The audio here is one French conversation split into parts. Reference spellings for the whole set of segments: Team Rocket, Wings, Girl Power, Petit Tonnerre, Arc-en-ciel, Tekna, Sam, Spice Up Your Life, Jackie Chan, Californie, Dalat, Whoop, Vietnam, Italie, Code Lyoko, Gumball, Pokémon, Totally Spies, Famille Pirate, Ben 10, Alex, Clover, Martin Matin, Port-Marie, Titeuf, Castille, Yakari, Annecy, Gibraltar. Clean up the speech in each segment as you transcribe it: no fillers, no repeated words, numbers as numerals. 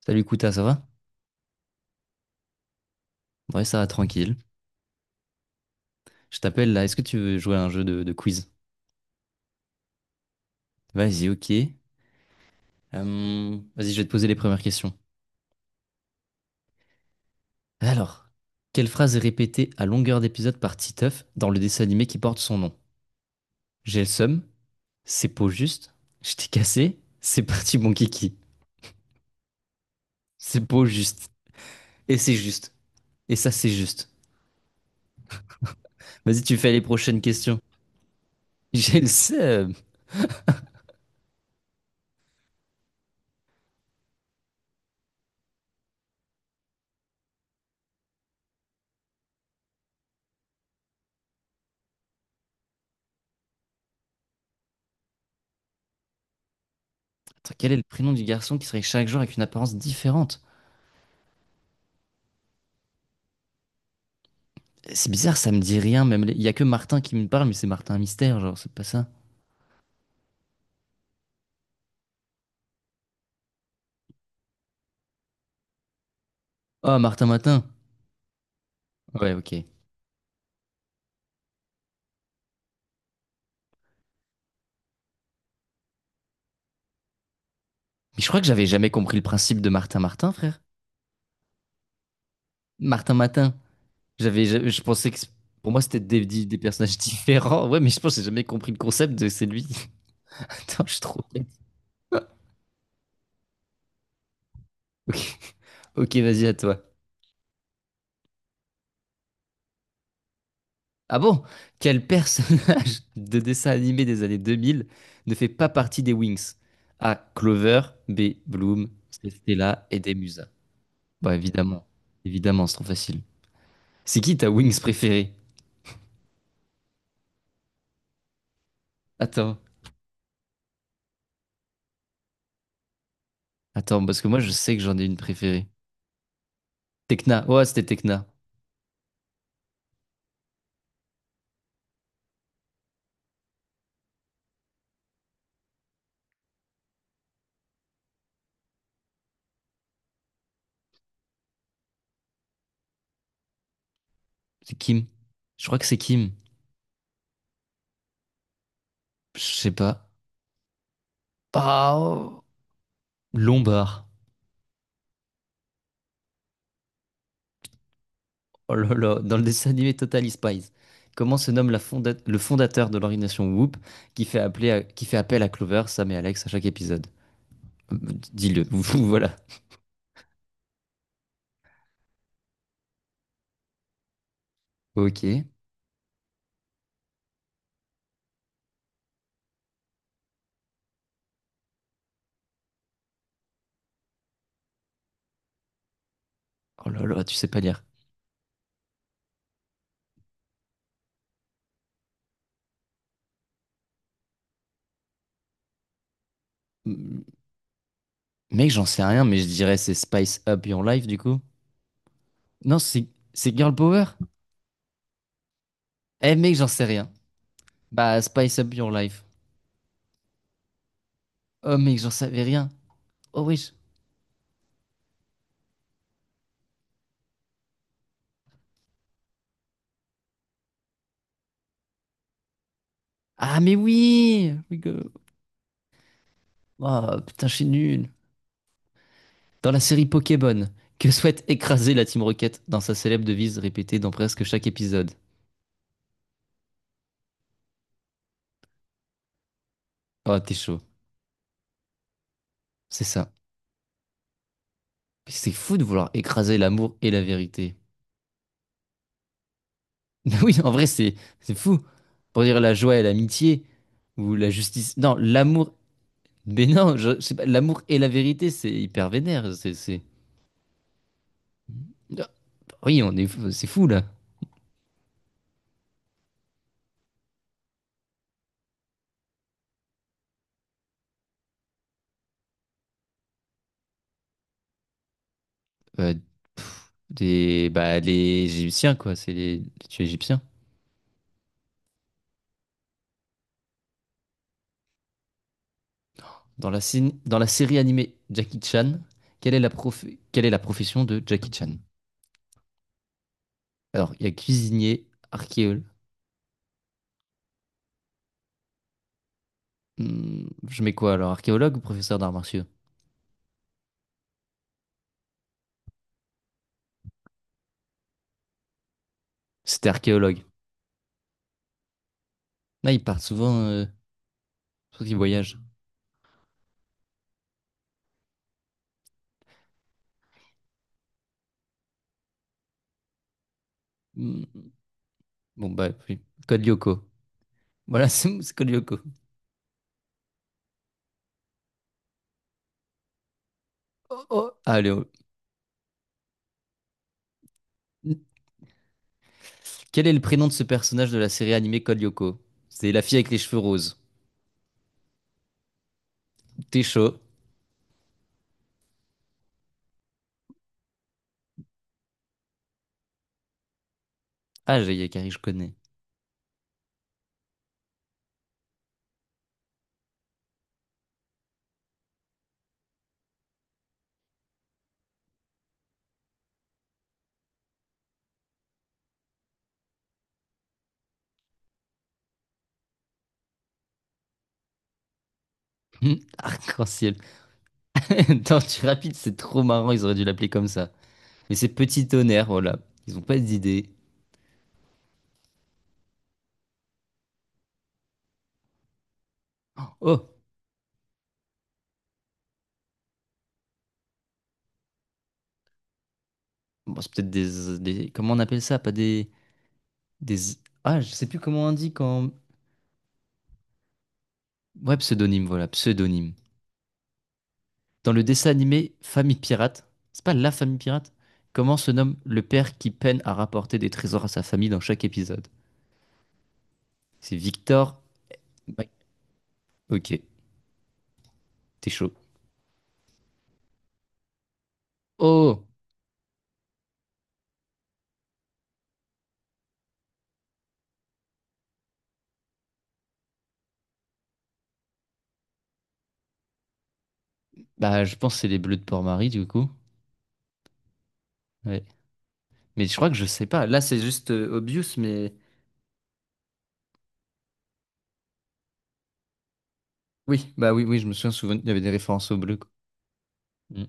Salut Kouta, ça va? Ouais, ça va tranquille. Je t'appelle là, est-ce que tu veux jouer à un jeu de quiz? Vas-y, ok. Vas-y, je vais te poser les premières questions. Alors, quelle phrase est répétée à longueur d'épisode par Titeuf dans le dessin animé qui porte son nom? J'ai le seum, c'est pas juste, je t'ai cassé, c'est parti mon kiki. C'est pas juste, et c'est juste, et ça c'est juste. Vas-y, tu fais les prochaines questions. J'ai le seum. Attends, quel est le prénom du garçon qui serait chaque jour avec une apparence différente? C'est bizarre, ça me dit rien. Il y a que Martin qui me parle, mais c'est Martin Mystère, genre c'est pas ça. Ah, Martin Matin. Ouais, ok. Mais je crois que j'avais jamais compris le principe de Martin Martin, frère. Martin Matin. Je pensais pour moi c'était des personnages différents. Ouais, mais je pense que j'ai jamais compris le concept de c'est lui. Attends, je suis trop bête. Ok, ok, vas-y à toi. Ah bon? Quel personnage de dessin animé des années 2000 ne fait pas partie des Wings? A. Clover, B. Bloom, C. Stella et D. Musa. Bah évidemment, évidemment, c'est trop facile. C'est qui ta Wings préférée? Attends, attends, parce que moi je sais que j'en ai une préférée. Tekna, ouais c'était Tekna. C'est Kim. Je crois que c'est Kim. Je sais pas. Ah, oh. Lombard. Oh là là, dans le dessin animé Totally Spies. Comment se nomme le fondateur de l'organisation Whoop qui fait appel à Clover, Sam et Alex à chaque épisode? Euh, Dis-le, voilà. Ok. Oh là là, tu sais pas lire. M- Mec, j'en sais rien, mais je dirais c'est Spice Up Your Life du coup. Non, c'est Girl Power? Eh mec, j'en sais rien. Bah, Spice Up Your Life. Oh mec, j'en savais rien. Oh wesh. Ah mais oui! We go. Oh putain, je suis nul. Dans la série Pokémon, que souhaite écraser la Team Rocket dans sa célèbre devise répétée dans presque chaque épisode? Oh, t'es chaud. C'est ça. C'est fou de vouloir écraser l'amour et la vérité. Oui, en vrai, c'est fou. Pour dire la joie et l'amitié, ou la justice. Non, l'amour. Mais non, je sais pas, l'amour et la vérité, c'est hyper vénère. Ah, oui, c'est fou là. Euh, des, bah, les Égyptiens, quoi, c'est les tués égyptiens. Dans la série animée Jackie Chan, quelle est la prof- quelle est la profession de Jackie Chan? Alors, il y a cuisinier, archéologue. Hmm, je mets quoi alors? Archéologue ou professeur d'arts martiaux? C'était archéologue. Là, ils partent souvent, surtout qu'ils voyagent. Hmm, bon, bah, oui. Code Lyoko. Voilà, c'est Code Lyoko. Oh, oh. Allez, oh. Quel est le prénom de ce personnage de la série animée Code Lyoko? C'est la fille avec les cheveux roses. T'es chaud. Ah, j'ai Yakari, je connais. Hmm, arc-en-ciel. Tortue rapide, c'est trop marrant, ils auraient dû l'appeler comme ça. Mais c'est Petit Tonnerre, voilà. Ils ont pas d'idée. Oh, bon, c'est peut-être Comment on appelle ça? Pas des... des... Ah, je sais plus comment on dit quand... Ouais, pseudonyme, voilà, pseudonyme. Dans le dessin animé Famille Pirate, c'est pas la famille pirate? Comment se nomme le père qui peine à rapporter des trésors à sa famille dans chaque épisode? C'est Victor, ouais. Ok, t'es chaud. Oh, bah je pense que c'est les bleus de Port-Marie du coup. Ouais. Mais je crois que je sais pas. Là c'est juste obvious, mais oui, bah oui, oui, je me souviens souvent, il y avait des références aux bleus, quoi. Mm.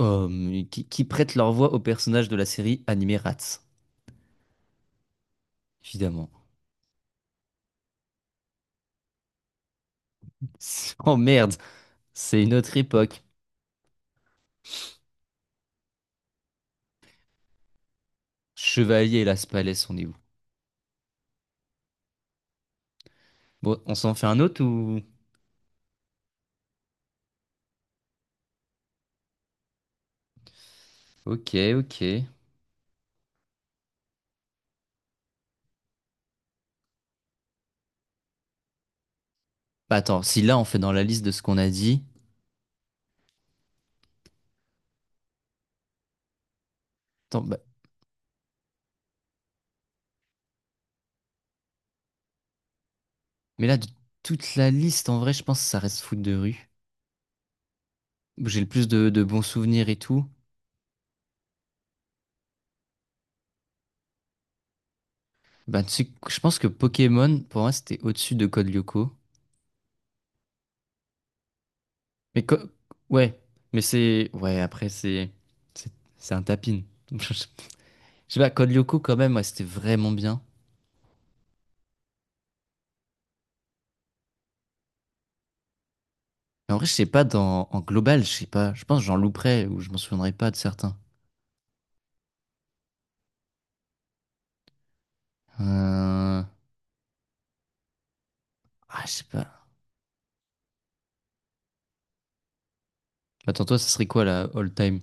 Oh, mais qui prêtent leur voix aux personnages de la série animée Rats, évidemment. Oh merde, c'est une autre époque. Chevalier et Las Palais on est où? Bon, on s'en fait un autre ou... Ok, ok. Bah attends, si là on fait dans la liste de ce qu'on a dit... Attends, bah, mais là de toute la liste, en vrai, je pense que ça reste foot de rue où j'ai le plus de bons souvenirs et tout, bah, tu sais, je pense que Pokémon, pour moi, c'était au-dessus de Code Lyoko. Mais co- ouais, mais c'est... Ouais, après, c'est... C'est c'est un tapin. Je sais pas, Code Lyoko, quand même, ouais, c'était vraiment bien. Mais en vrai, je sais pas, en global, je sais pas. Je pense que j'en louperais ou je m'en souviendrai pas de certains. Euh... Ah, je sais pas. Attends, toi, ça serait quoi, la all-time?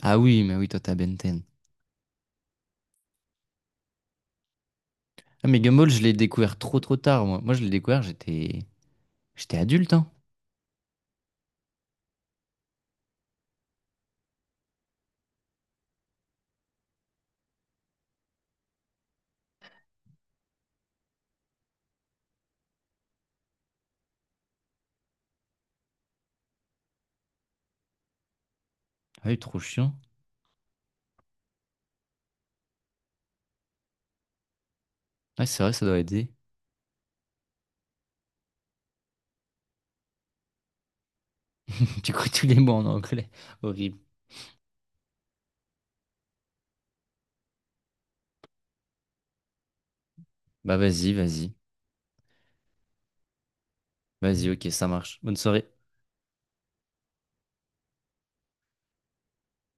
Ah oui, mais oui, toi, t'as Ben 10. Ah, mais Gumball, je l'ai découvert trop, trop tard, moi. Moi, je l'ai découvert, j'étais... J'étais adulte, hein. Ah oui, trop chiant. Ouais, c'est vrai, ça doit aider. Du coup, tous les mots en anglais. Horrible. Bah, vas-y, vas-y. Vas-y, ok, ça marche. Bonne soirée.